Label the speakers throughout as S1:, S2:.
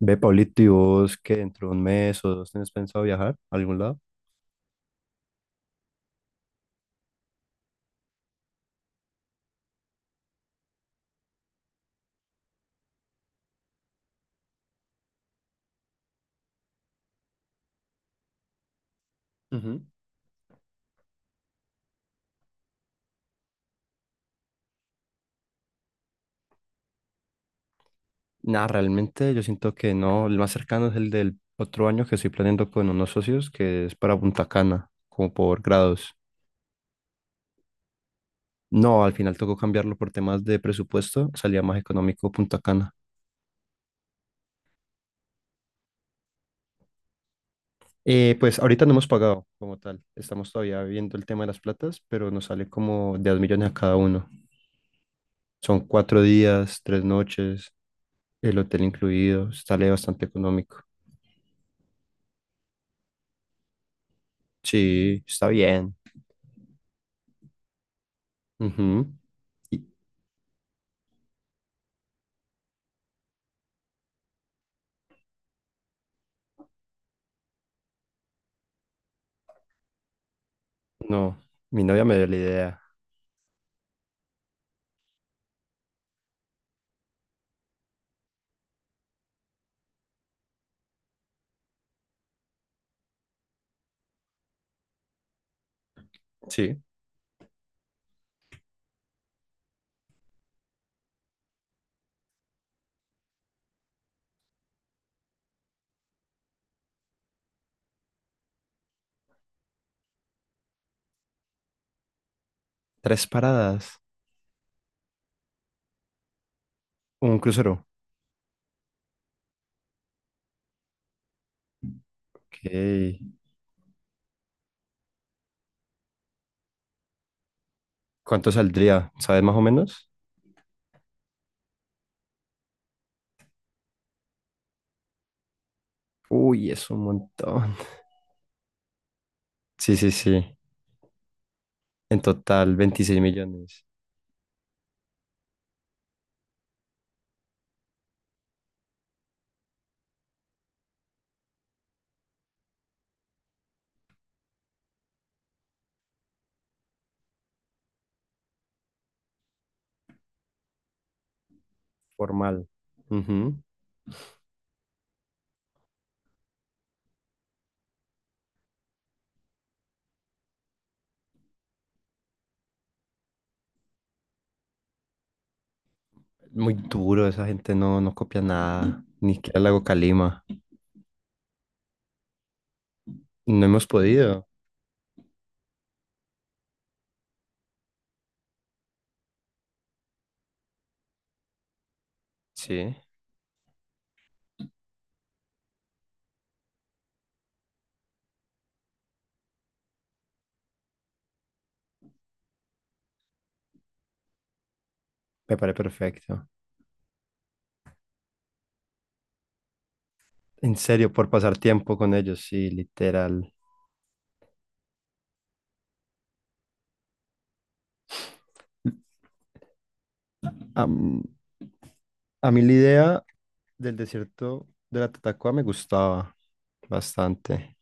S1: Ve, Pablito, ¿y vos que dentro de un mes o dos tenés pensado viajar a algún lado? Ujú. Nada, realmente yo siento que no. El más cercano es el del otro año que estoy planeando con unos socios, que es para Punta Cana, como por grados. No, al final tocó cambiarlo por temas de presupuesto, salía más económico Punta Cana. Pues ahorita no hemos pagado como tal, estamos todavía viendo el tema de las platas, pero nos sale como de 2 millones a cada uno. Son 4 días, 3 noches, el hotel incluido, sale bastante económico. Sí, está bien. Ujú. Y- No, mi novia me dio la idea. Sí, tres paradas, un crucero. Ok. ¿Cuánto saldría? ¿Sabes más o menos? Uy, es un montón. Sí, sí, sí. En total, 26 millones. Formal. Ujú. Muy duro, esa gente no, no copia nada. Ni siquiera el Lago Calima. No hemos podido. Sí, me parece perfecto. En serio, por pasar tiempo con ellos, sí, literal. Am- a mí la idea del desierto de la Tatacoa me gustaba bastante.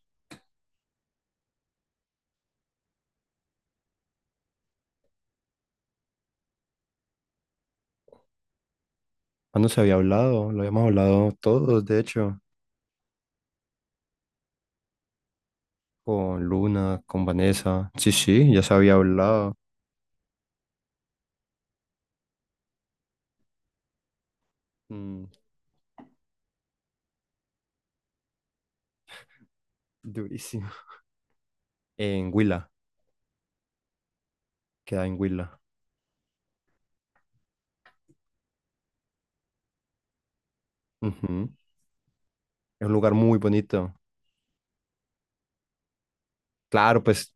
S1: Cuando se había hablado, lo habíamos hablado todos, de hecho, con Luna, con Vanessa. Sí, sí, ya se había hablado. Mm, Durísimo. En Huila, queda en Huila. Ujú. Es un lugar muy bonito. Claro, pues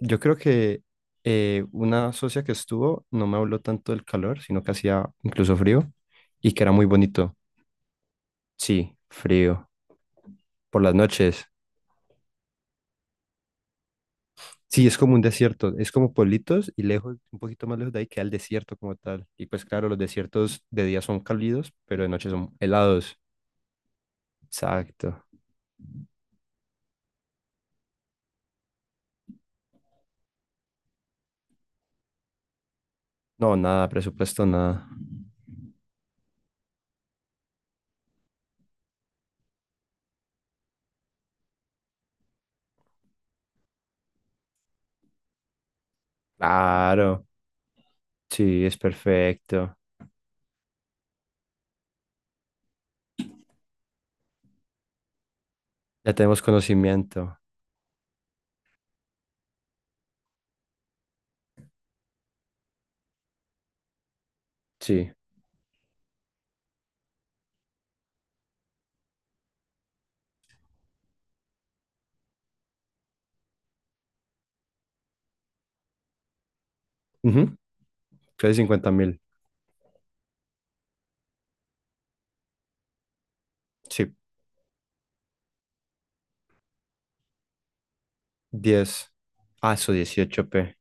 S1: yo creo que una socia que estuvo no me habló tanto del calor, sino que hacía incluso frío y que era muy bonito. Sí, frío, por las noches. Sí, es como un desierto, es como pueblitos y lejos, un poquito más lejos de ahí queda el desierto como tal. Y pues claro, los desiertos de día son cálidos, pero de noche son helados. Exacto. No, nada, presupuesto, nada. Claro, sí, es perfecto. Ya tenemos conocimiento. Sí. Ujú. Entonces 50.000. Sí. 10. Ah, eso 18. P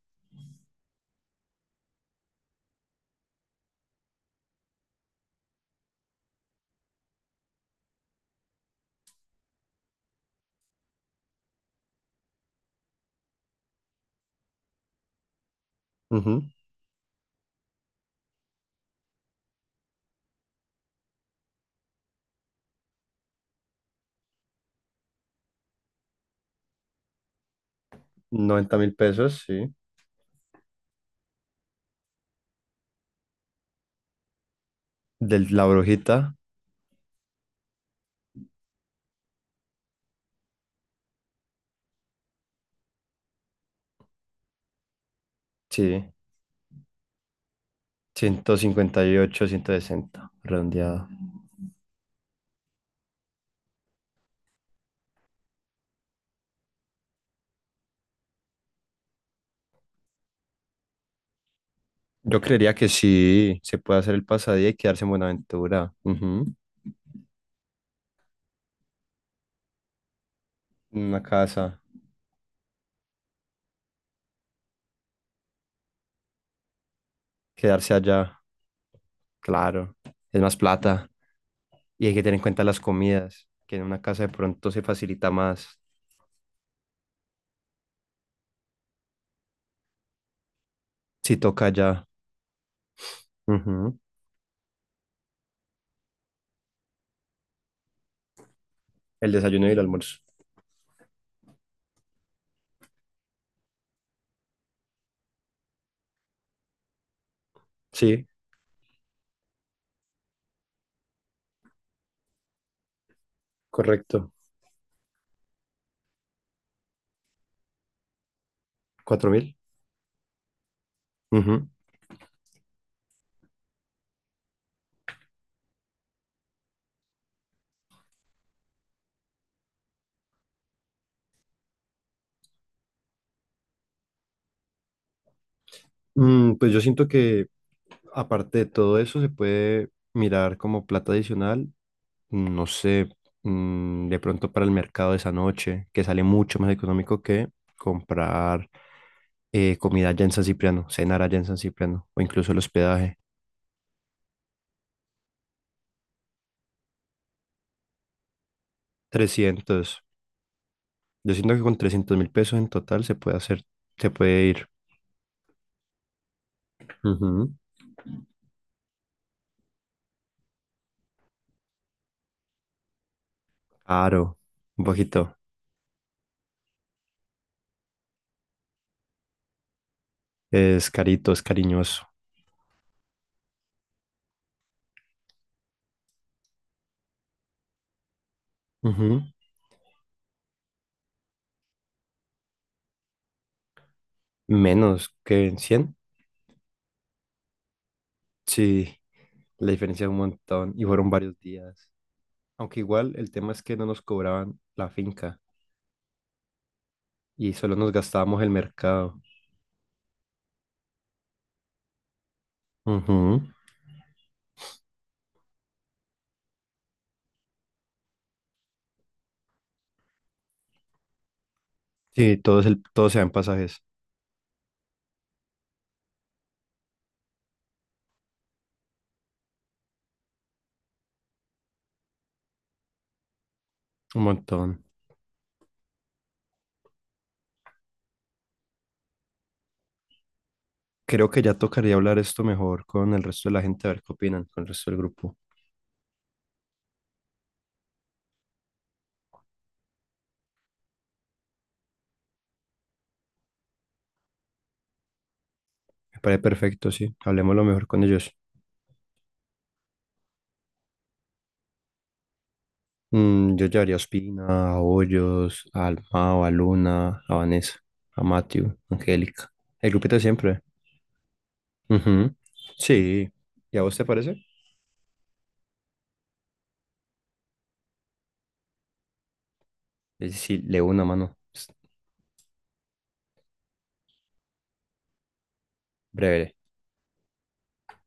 S1: Ujú. 90 mil pesos, sí. De la brujita. Sí, 158, 160 redondeado. Yo creería que sí, se puede hacer el pasadía y quedarse en Buenaventura. Ujú. Una casa, quedarse allá, claro, es más plata. Y hay que tener en cuenta las comidas, que en una casa de pronto se facilita más si toca allá. Ujú. El desayuno y el almuerzo. Sí, correcto. ¿4.000? Pues yo siento que aparte de todo eso se puede mirar como plata adicional, no sé, de pronto para el mercado de esa noche, que sale mucho más económico que comprar comida allá en San Cipriano, cenar allá en San Cipriano o incluso el hospedaje. Trescientos Yo siento que con 300.000 pesos en total se puede hacer, se puede ir. Ujú. Caro, un poquito. Es carito, es cariñoso. Ujú. Menos que en 100. Sí. La diferencia es un montón y fueron varios días. Aunque igual el tema es que no nos cobraban la finca y solo nos gastábamos el mercado. Ujú. Sí, todo se da en pasajes. Un montón. Creo que ya tocaría hablar esto mejor con el resto de la gente, a ver qué opinan, con el resto del grupo. Me parece perfecto, sí. Hablemos lo mejor con ellos. Yo llevaría a Ospina, a Hoyos, a Almao, a Luna, a Vanessa, a Matthew, a Angélica. El grupito de siempre. Ujú. Sí. ¿Y a vos te parece? Es decir, le una mano. Es breve.